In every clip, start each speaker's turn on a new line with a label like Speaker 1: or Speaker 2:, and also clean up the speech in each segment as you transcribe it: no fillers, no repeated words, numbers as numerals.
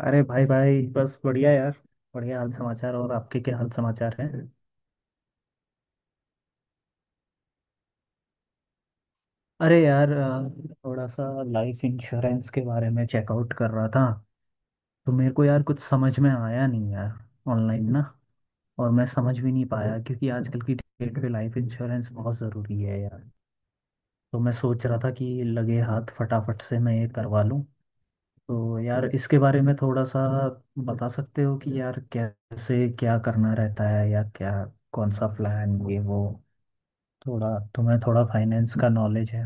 Speaker 1: अरे भाई भाई, बस बढ़िया यार। बढ़िया हाल समाचार। और आपके क्या हाल समाचार हैं? अरे यार, थोड़ा सा लाइफ इंश्योरेंस के बारे में चेकआउट कर रहा था। तो मेरे को यार कुछ समझ में आया नहीं यार। ऑनलाइन ना। और मैं समझ भी नहीं पाया, क्योंकि आजकल की डेट पे लाइफ इंश्योरेंस बहुत ज़रूरी है यार। तो मैं सोच रहा था कि लगे हाथ फटाफट से मैं ये करवा लूँ। तो यार इसके बारे में थोड़ा सा बता सकते हो कि यार कैसे क्या करना रहता है, या क्या कौन सा प्लान ये वो। थोड़ा तुम्हें थोड़ा फाइनेंस का नॉलेज है?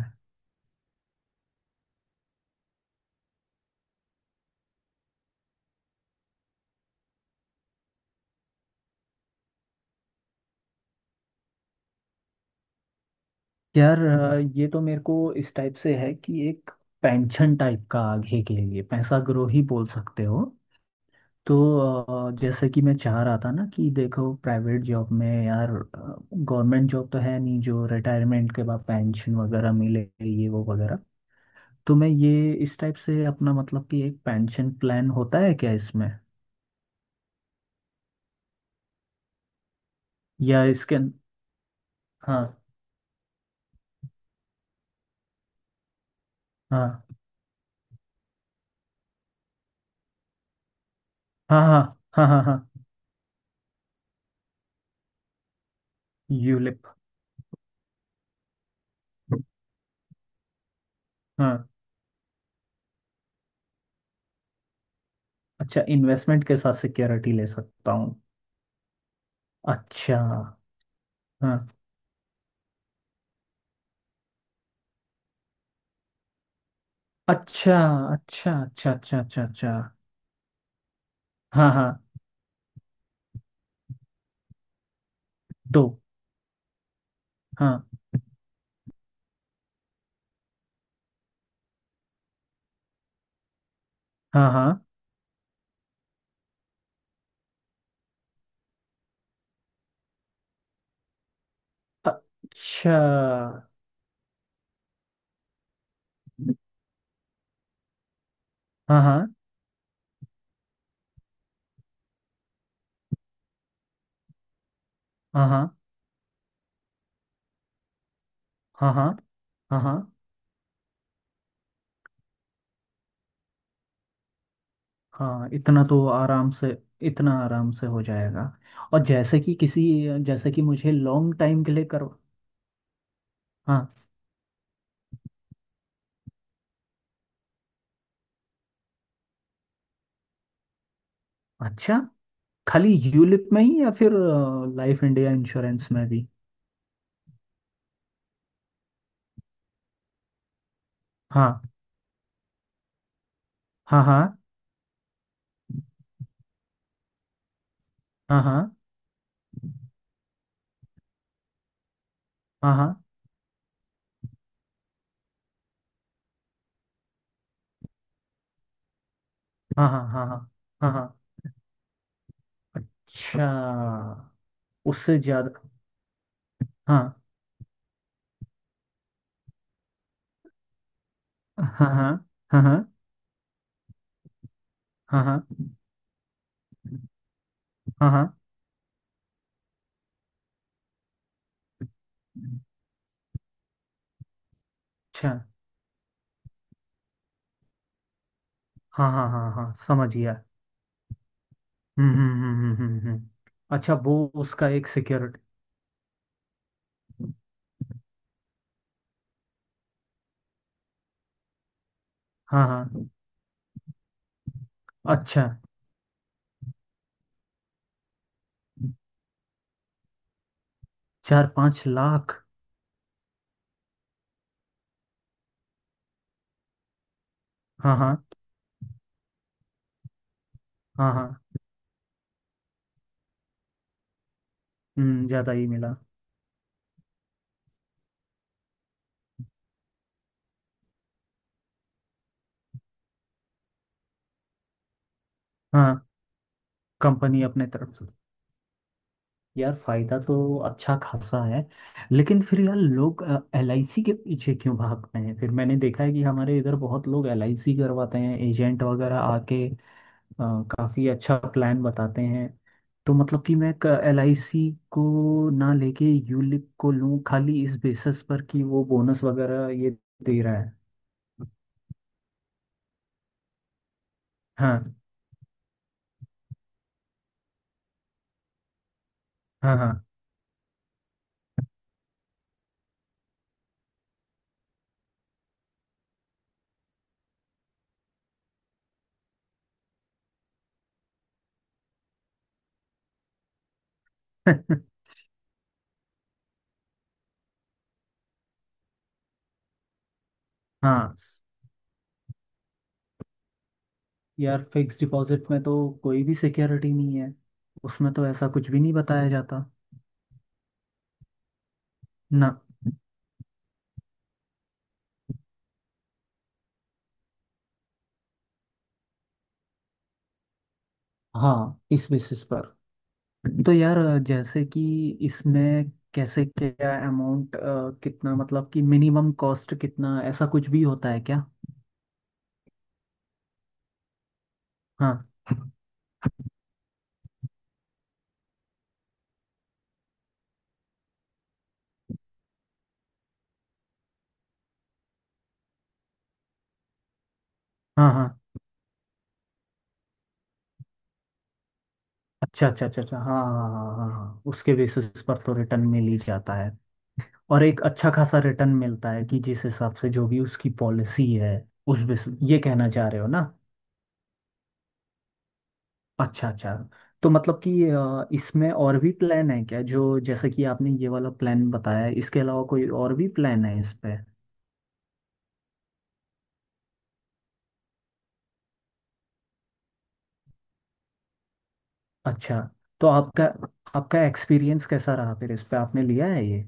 Speaker 1: यार, ये तो मेरे को इस टाइप से है कि एक पेंशन टाइप का आगे के लिए पैसा ग्रो ही बोल सकते हो। तो जैसे कि मैं चाह रहा था ना कि देखो, प्राइवेट जॉब में यार, गवर्नमेंट जॉब तो है नहीं जो रिटायरमेंट के बाद पेंशन वगैरह मिले ये वो वगैरह। तो मैं ये इस टाइप से अपना मतलब कि एक पेंशन प्लान होता है क्या इसमें, या इसके। हाँ हाँ हाँ। हाँ हाँ हाँ हाँ। यूलिप। अच्छा, इन्वेस्टमेंट के साथ सिक्योरिटी ले सकता हूँ। अच्छा। हाँ। अच्छा अच्छा अच्छा अच्छा अच्छा अच्छा। हाँ हाँ। दो। हाँ हाँ हाँ। अच्छा। हाँ हाँ हाँ हाँ हाँ हाँ हाँ हाँ हाँ। इतना तो आराम से, इतना आराम से हो जाएगा। और जैसे कि किसी, जैसे कि मुझे लॉन्ग टाइम के लिए करवा। हाँ। अच्छा, खाली यूलिप में ही या फिर लाइफ इंडिया इंश्योरेंस में भी? हाँ हाँ हाँ हाँ हाँ हाँ हाँ हाँ हाँ हाँ हाँ हाँ हाँ। अच्छा। उससे ज्यादा। हाँ हाँ हाँ हाँ हाँ हाँ हाँ हाँ हाँ। अच्छा। हाँ हाँ हाँ हाँ, समझ गया। हम्म हम्म हम्म हम्म हम्म हम्म। अच्छा वो। उसका एक सिक्योरिटी। हाँ हाँ। अच्छा। 4-5 लाख। हाँ हाँ हाँ हाँ। हम्म, ज्यादा ही मिला। हाँ, कंपनी अपने तरफ से। यार, फायदा तो अच्छा खासा है। लेकिन फिर यार, लोग एल आई सी के पीछे क्यों भागते हैं? फिर मैंने देखा है कि हमारे इधर बहुत लोग एल आई सी करवाते हैं। एजेंट वगैरह आके काफी अच्छा प्लान बताते हैं। तो मतलब कि मैं एल आई सी को ना लेके यूलिप को लूं खाली इस बेसिस पर कि वो बोनस वगैरह ये दे रहा है? हाँ हाँ हाँ। हाँ, यार फिक्स डिपॉजिट में तो कोई भी सिक्योरिटी नहीं है। उसमें तो ऐसा कुछ भी नहीं बताया जाता। ना। हाँ, इस बेसिस पर। तो यार, जैसे कि इसमें कैसे क्या अमाउंट कितना, मतलब कि मिनिमम कॉस्ट कितना, ऐसा कुछ भी होता है क्या? हाँ हाँ हाँ। अच्छा अच्छा अच्छा अच्छा। हाँ हाँ हाँ हाँ हाँ, उसके बेसिस पर तो रिटर्न मिल ही जाता है। और एक अच्छा खासा रिटर्न मिलता है कि जिस हिसाब से जो भी उसकी पॉलिसी है, उस बेसिस ये कहना चाह रहे हो ना। अच्छा अच्छा। तो मतलब कि इसमें और भी प्लान है क्या, जो जैसे कि आपने ये वाला प्लान बताया है, इसके अलावा कोई और भी प्लान है इस पे? अच्छा। तो आपका आपका एक्सपीरियंस कैसा रहा फिर इस पे? आपने लिया है ये?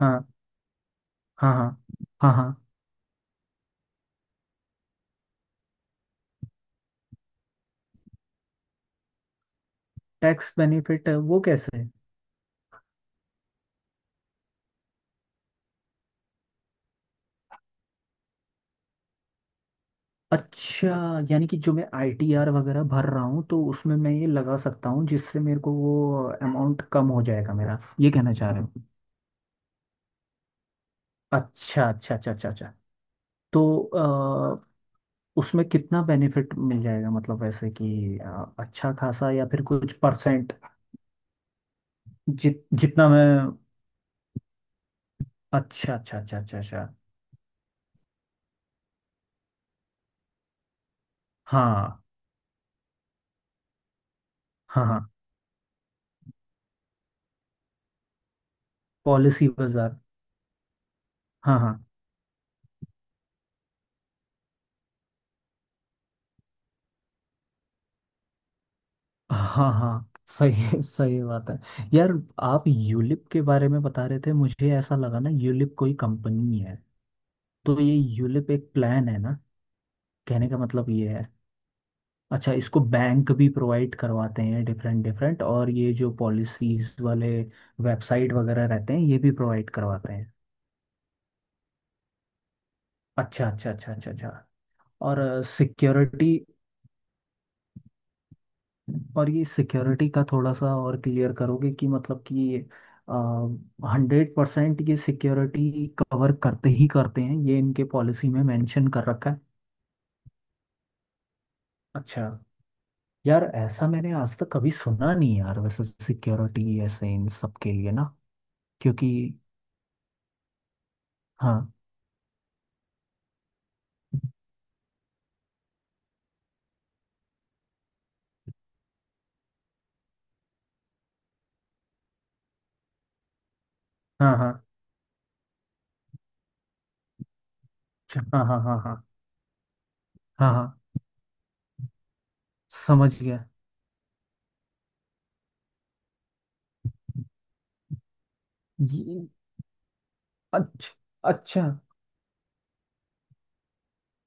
Speaker 1: हाँ हाँ हाँ हाँ हाँ। टैक्स बेनिफिट वो कैसे है? अच्छा, यानी कि जो मैं आईटीआर वगैरह भर रहा हूँ तो उसमें मैं ये लगा सकता हूँ, जिससे मेरे को वो अमाउंट कम हो जाएगा मेरा, ये कहना चाह रहे हो? अच्छा अच्छा अच्छा अच्छा अच्छा। तो उसमें कितना बेनिफिट मिल जाएगा, मतलब वैसे कि अच्छा खासा या फिर कुछ परसेंट? जितना मैं। अच्छा अच्छा अच्छा अच्छा अच्छा। हाँ हाँ हाँ। पॉलिसी बाजार। हाँ हाँ हाँ हाँ, सही सही बात है। यार, आप यूलिप के बारे में बता रहे थे, मुझे ऐसा लगा ना यूलिप कोई कंपनी है। तो ये यूलिप एक प्लान है ना, कहने का मतलब ये है। अच्छा, इसको बैंक भी प्रोवाइड करवाते हैं डिफरेंट डिफरेंट, और ये जो पॉलिसीज वाले वेबसाइट वगैरह रहते हैं ये भी प्रोवाइड करवाते हैं। अच्छा अच्छा अच्छा अच्छा अच्छा। और सिक्योरिटी। और ये सिक्योरिटी का थोड़ा सा और क्लियर करोगे कि मतलब कि 100% ये सिक्योरिटी कवर करते ही करते हैं, ये इनके पॉलिसी में मेंशन कर रखा है? अच्छा। यार, ऐसा मैंने आज तक कभी सुना नहीं यार, वैसे सिक्योरिटी ऐसे इन सब के लिए ना। क्योंकि। हाँ हाँ हाँ। अच्छा। हाँ हाँ हाँ हाँ हाँ हाँ, समझ गया। ये। अच्छा अच्छा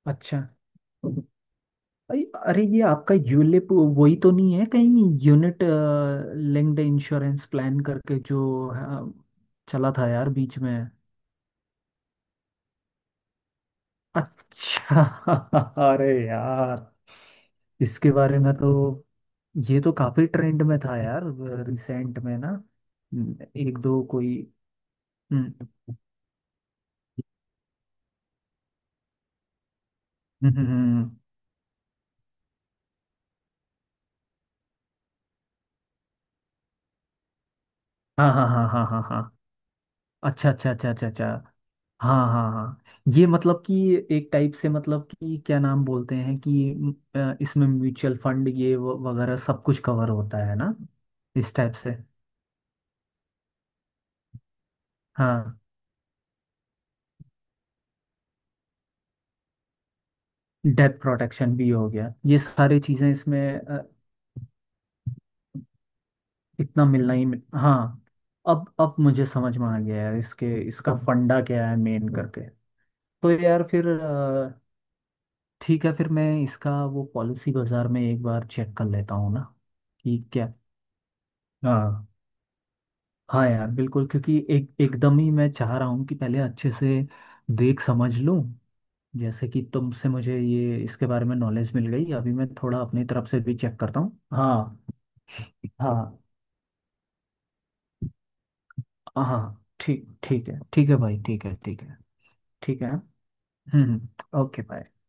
Speaker 1: अच्छा। अरे अरे, ये आपका यूलिप वही तो नहीं है कहीं, यूनिट लिंक्ड इंश्योरेंस प्लान करके जो अ, चला था यार बीच में? अच्छा। अरे यार, इसके बारे में तो। ये तो काफी ट्रेंड में था यार, रिसेंट में ना। एक दो कोई। हम्म हम्म हम्म, हम्म, हम्म। हाँ हाँ हाँ हाँ हाँ हाँ। अच्छा अच्छा अच्छा अच्छा अच्छा। हाँ हाँ हाँ, ये मतलब कि एक टाइप से, मतलब कि क्या नाम बोलते हैं कि इसमें म्यूचुअल फंड ये वगैरह सब कुछ कवर होता है ना, इस टाइप से। हाँ। डेथ प्रोटेक्शन भी हो गया, ये सारी चीज़ें इसमें इतना मिलना ही हाँ। अब मुझे समझ में आ गया है, इसके इसका फंडा क्या है मेन करके। तो यार फिर ठीक है, फिर मैं इसका वो पॉलिसी बाजार में एक बार चेक कर लेता हूँ ना कि क्या। हाँ हाँ यार, बिल्कुल, क्योंकि एक एकदम ही मैं चाह रहा हूँ कि पहले अच्छे से देख समझ लूँ। जैसे कि तुमसे मुझे ये इसके बारे में नॉलेज मिल गई, अभी मैं थोड़ा अपनी तरफ से भी चेक करता हूँ हाँ। हाँ हाँ, ठीक ठीक है, ठीक है भाई, ठीक है ठीक है। ठीक है। हम्म। हम्म। ओके।